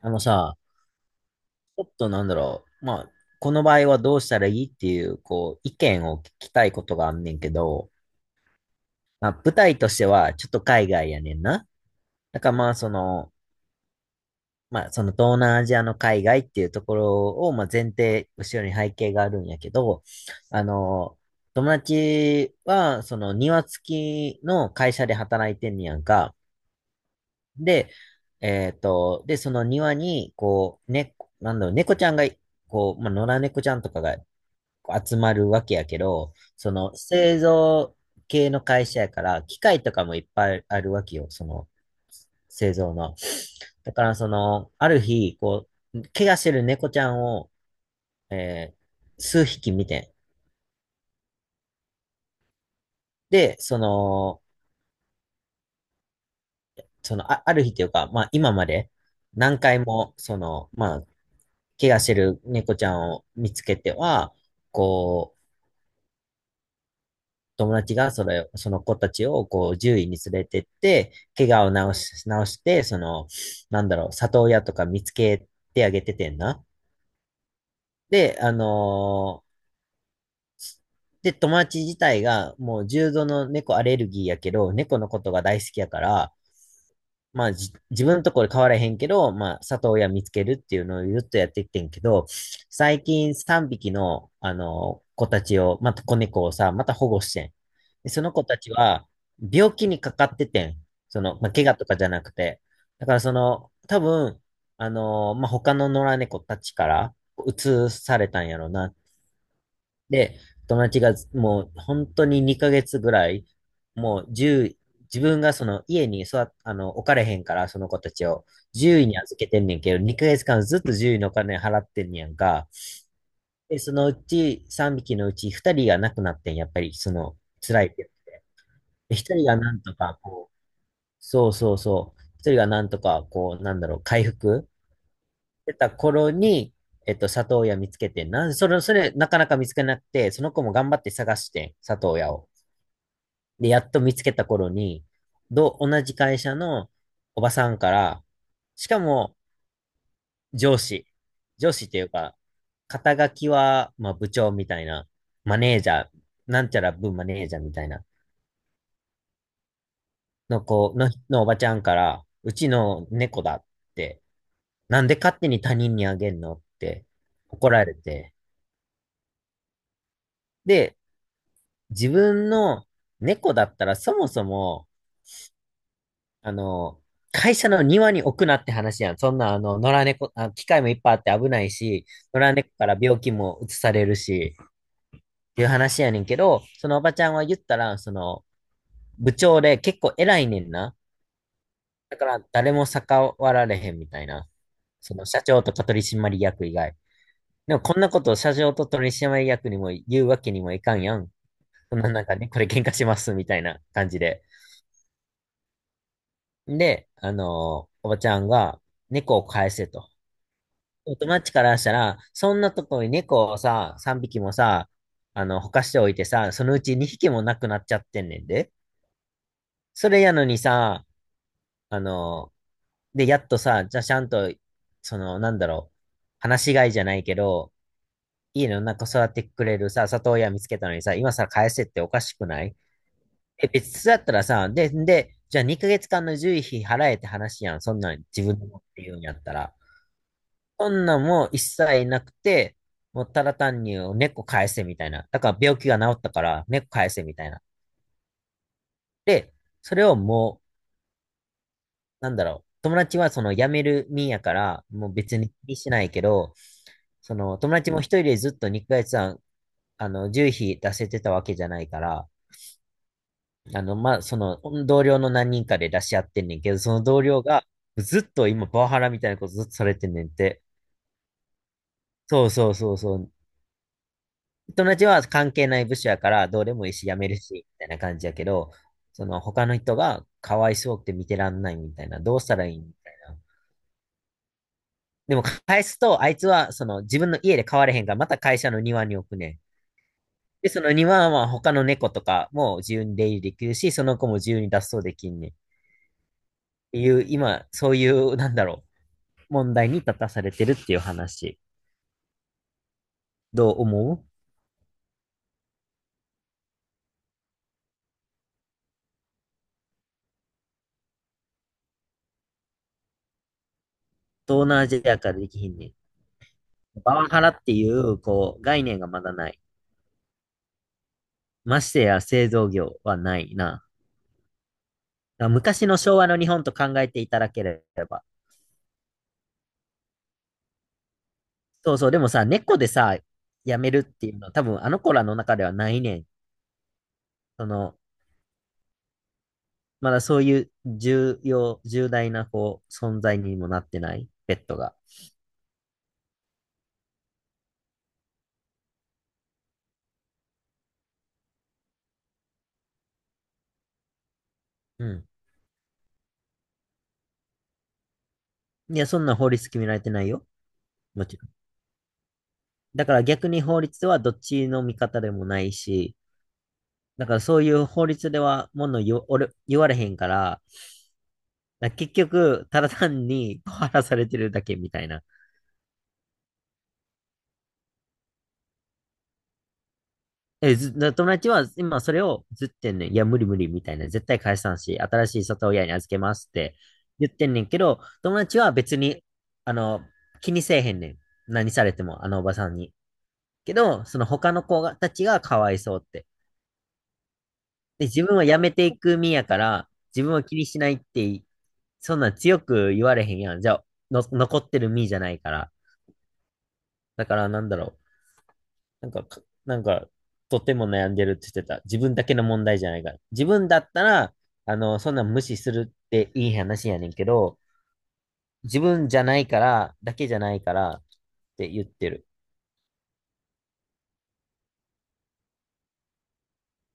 あのさ、ちょっとなんだろう。まあ、この場合はどうしたらいいっていう、こう、意見を聞きたいことがあんねんけど、まあ、舞台としてはちょっと海外やねんな。だからまあ、その、まあ、その東南アジアの海外っていうところを、まあ、前提、後ろに背景があるんやけど、あの、友達は、その庭付きの会社で働いてんねやんか。で、その庭に、こう、ね、なんだろう、猫ちゃんが、こう、まあ、野良猫ちゃんとかが集まるわけやけど、その製造系の会社やから、機械とかもいっぱいあるわけよ、その製造の。だからその、ある日、こう、怪我してる猫ちゃんを、えー数匹見て、で、その、ある日というか、まあ今まで何回も、その、まあ、怪我してる猫ちゃんを見つけては、こう、友達がその子たちをこう獣医に連れてって、怪我を治して、その、なんだろう、里親とか見つけてあげててんな。で、で、友達自体がもう重度の猫アレルギーやけど、猫のことが大好きやから、まあ、自分のところ変わらへんけど、まあ、里親見つけるっていうのをずっとやってきてんけど、最近3匹の、子たちを、また子猫をさ、また保護してん。で、その子たちは、病気にかかっててん。その、まあ、怪我とかじゃなくて。だから、その、多分、まあ、他の野良猫たちから、移されたんやろな。で、友達がもう本当に2ヶ月ぐらい、もう1自分がその家に育っあの、置かれへんから、その子たちを獣医に預けてんねんけど、2ヶ月間ずっと獣医のお金払ってんねやんか。で、そのうち3匹のうち2人が亡くなってん、やっぱりその辛いって。で、1人がなんとかこう、そうそうそう、1人がなんとかこう、なんだろう、回復してた頃に、里親見つけてんな、それ、なかなか見つけなくて、その子も頑張って探してん、里親を。で、やっと見つけた頃に、同じ会社のおばさんから、しかも上司、上司っていうか、肩書きは、まあ部長みたいな、マネージャー、なんちゃら部マネージャーみたいな、の子の、のおばちゃんから、うちの猫だって、なんで勝手に他人にあげんのって怒られて、で、自分の猫だったらそもそも、あの、会社の庭に置くなって話やん。そんな、野良猫、機械もいっぱいあって危ないし、野良猫から病気も移されるし、っていう話やねんけど、そのおばちゃんは言ったら、その、部長で結構偉いねんな。だから誰も逆らわれへんみたいな。その社長とか取締役以外。でもこんなことを社長と取締役にも言うわけにもいかんやん。そんななんかね、これ喧嘩しますみたいな感じで。で、おばちゃんが猫を返せと。友達からしたら、そんなとこに猫をさ、3匹もさ、ほかしておいてさ、そのうち2匹もなくなっちゃってんねんで。それやのにさ、あの、で、やっとさ、じゃあちゃんと、その、なんだろう、放し飼いじゃないけど、家の中育ってくれるさ、里親見つけたのにさ、今さ、返せっておかしくない？え、別だったらさ、で、じゃあ2ヶ月間の獣医費払えって話やん、そんなん自分で持って言うんやったら。そんなんも一切なくて、もうただ単に猫返せみたいな。だから病気が治ったから猫返せみたいな。で、それをもう、なんだろう。友達はその辞める身やから、もう別に気にしないけど、その友達も一人でずっと2ヶ月10費出せてたわけじゃないから、まあ、その同僚の何人かで出し合ってんねんけど、その同僚がずっと今パワハラみたいなことずっとされてんねんって。そうそうそうそう。友達は関係ない部署やからどうでもいいし辞めるし、みたいな感じやけど、その他の人がかわいそうくて見てらんないみたいな、どうしたらいいみたいな。でも返すと、あいつはその自分の家で飼われへんから、また会社の庭に置くねん。で、その庭は他の猫とかも自由に出入りできるし、その子も自由に脱走できんねん。っていう、今、そういう、なんだろう、問題に立たされてるっていう話。どう思う？東南アジアからできひんねん。パワハラっていう、こう、概念がまだない。ましてや製造業はないな。だから昔の昭和の日本と考えていただければ。そうそう、でもさ、猫でさ、辞めるっていうのは多分あの子らの中ではないねん。その、まだそういう重大なこう存在にもなってない、ペットが。うん。いや、そんな法律決められてないよ。もちろん。だから逆に法律はどっちの味方でもないし、だからそういう法律ではもの言われへんから、だから結局、ただ単に小らされてるだけみたいな。え、ず、な友達は今それをずってんねん。いや、無理無理みたいな。絶対返さんし、新しい里親に預けますって言ってんねんけど、友達は別に、あの、気にせえへんねん。何されても、あのおばさんに。けど、その他の子がたちがかわいそうって。で、自分は辞めていく身やから、自分は気にしないって、そんなん強く言われへんやん。じゃあ、残ってる身じゃないから。だから、なんだろう。なんかか、なんか、とても悩んでるって言ってた。自分だけの問題じゃないから。自分だったら、そんな無視するっていい話やねんけど、自分じゃないから、だけじゃないからって言ってる。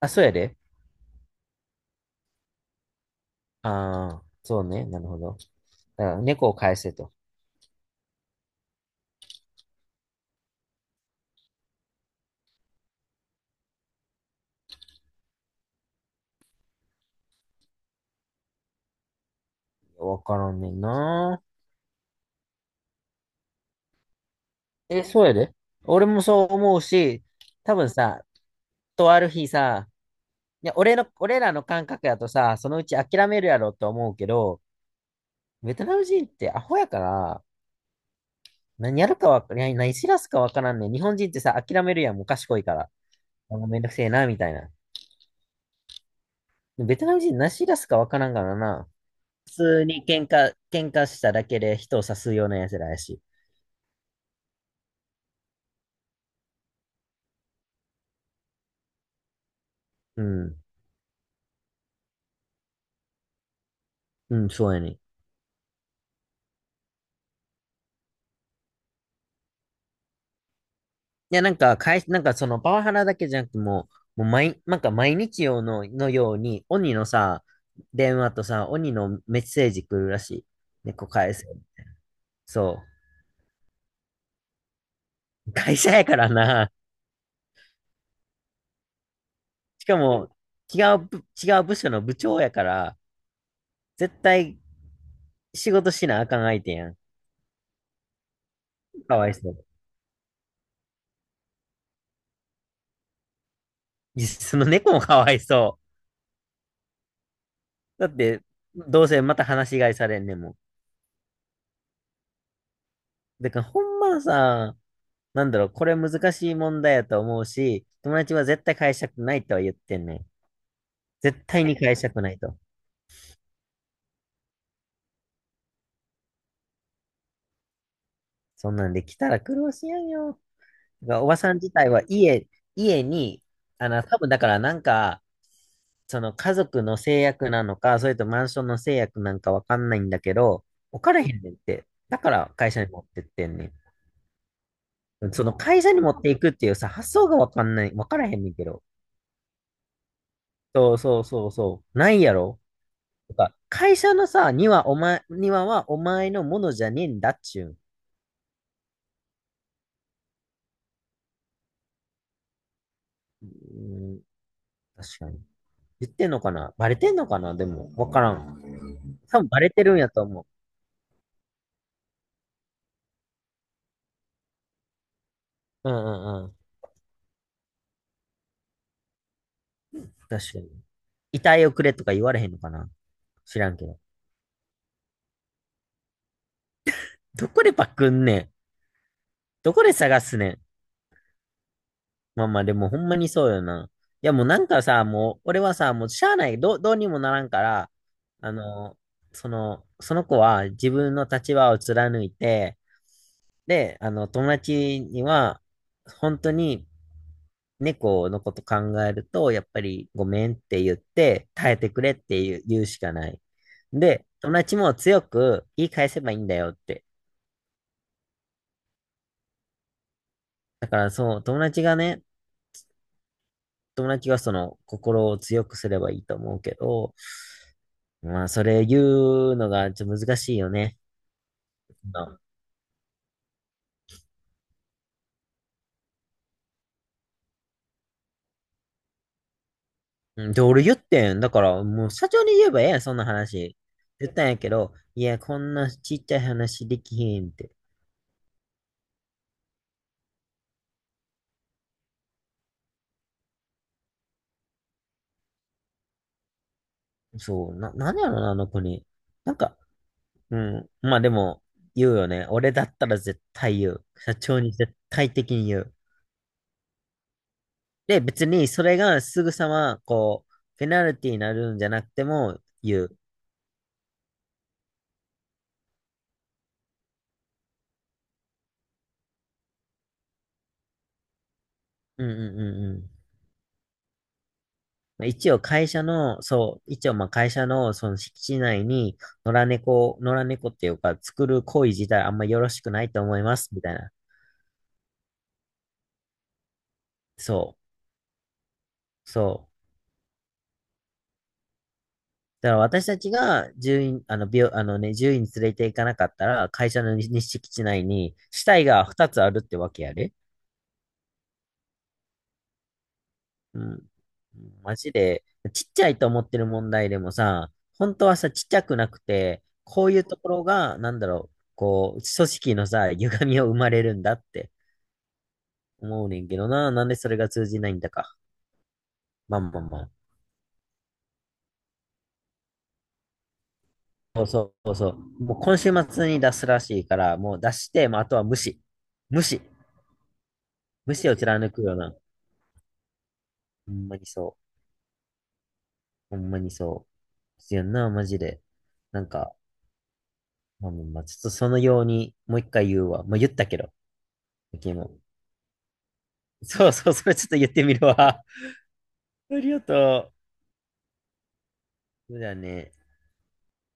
あ、そうやで。ああ、そうね。なるほど。だから猫を返せと。わからんねんな。え、そうやで。俺もそう思うし、多分さ、とある日さ、いや、俺らの感覚やとさ、そのうち諦めるやろって思うけど、ベトナム人ってアホやから、何知らすかわからんねん。日本人ってさ、諦めるやん、もう賢いから。あもうめんどくせえな、みたいな。ベトナム人何知らすかわからんからな。普通に喧嘩しただけで人を刺すような奴らやし。うん。うん、そうやね。いや、なんか、なんかそのパワハラだけじゃなくてもう、もう毎、なんか毎日のように、鬼のさ、電話とさ、鬼のメッセージ来るらしい。猫返せ。そう。会社やからな。しかも、違う部署の部長やから、絶対仕事しなあかん相手やん。かわいそう。いやその猫もかわいそう。だって、どうせまた話し飼いされんねんもん。だからほんまさ、これ難しい問題やと思うし、友達は絶対返したくないとは言ってんねん。絶対に返したくないと。そんなんで来たら苦労しやんよ。おばさん自体は家、家に、多分だからなんか、その家族の制約なのか、それとマンションの制約なんかわかんないんだけど、置かれへんねんって。だから会社に持ってってんねん。その会社に持っていくっていうさ、発想がわかんない、わからへんねんけど。そうそうそうそう。ないやろとか、会社のさ、庭はお前のものじゃねえんだっちゅう。うん、確かに。言ってんのかなバレてんのかな、でも、わからん。多分バレてるんやと思う。うんうんうん。確かに。遺体をくれとか言われへんのかな、知らんけど。どこでパクんねん、どこで探すねん。まあまあでもほんまにそうよな。いやもうなんかさ、もう俺はさ、もうしゃあない。どうにもならんから、あの、その子は自分の立場を貫いて、で、友達には、本当に猫のこと考えると、やっぱりごめんって言って、耐えてくれって言うしかない。で、友達も強く言い返せばいいんだよって。だからそう、友達がその心を強くすればいいと思うけど、まあそれ言うのがちょっと難しいよね。うん、で、俺言ってん。だからもう社長に言えばええやん、そんな話。言ったんやけど、いや、こんなちっちゃい話できへんって。なんやろな、あの子に。なんか、うん。まあでも、言うよね。俺だったら絶対言う。社長に絶対的に言う。で、別にそれがすぐさま、こう、ペナルティになるんじゃなくても言う。うんうんうんうん。一応まあ会社のその敷地内に野良猫っていうか作る行為自体あんまよろしくないと思います、みたいな。そう、そう。だから私たちが獣医、あの、病、あのね、獣医に連れて行かなかったら、会社の日敷地内に死体が2つあるってわけやで。うん。マジで、ちっちゃいと思ってる問題でもさ、本当はさ、ちっちゃくなくて、こういうところが、組織のさ、歪みを生まれるんだって思うねんけどな、なんでそれが通じないんだか。まあまあまあ。そうそうそう。もう今週末に出すらしいから、もう出して、もうあとは無視。無視。無視を貫くような。ほんまにそう。ほんまにそう。必要な、マジで。なんか、まあちょっとそのように、もう一回言うわ。まあ、言ったけど。君も。そうそう、それちょっと言ってみるわ。ありがとう。そうだね。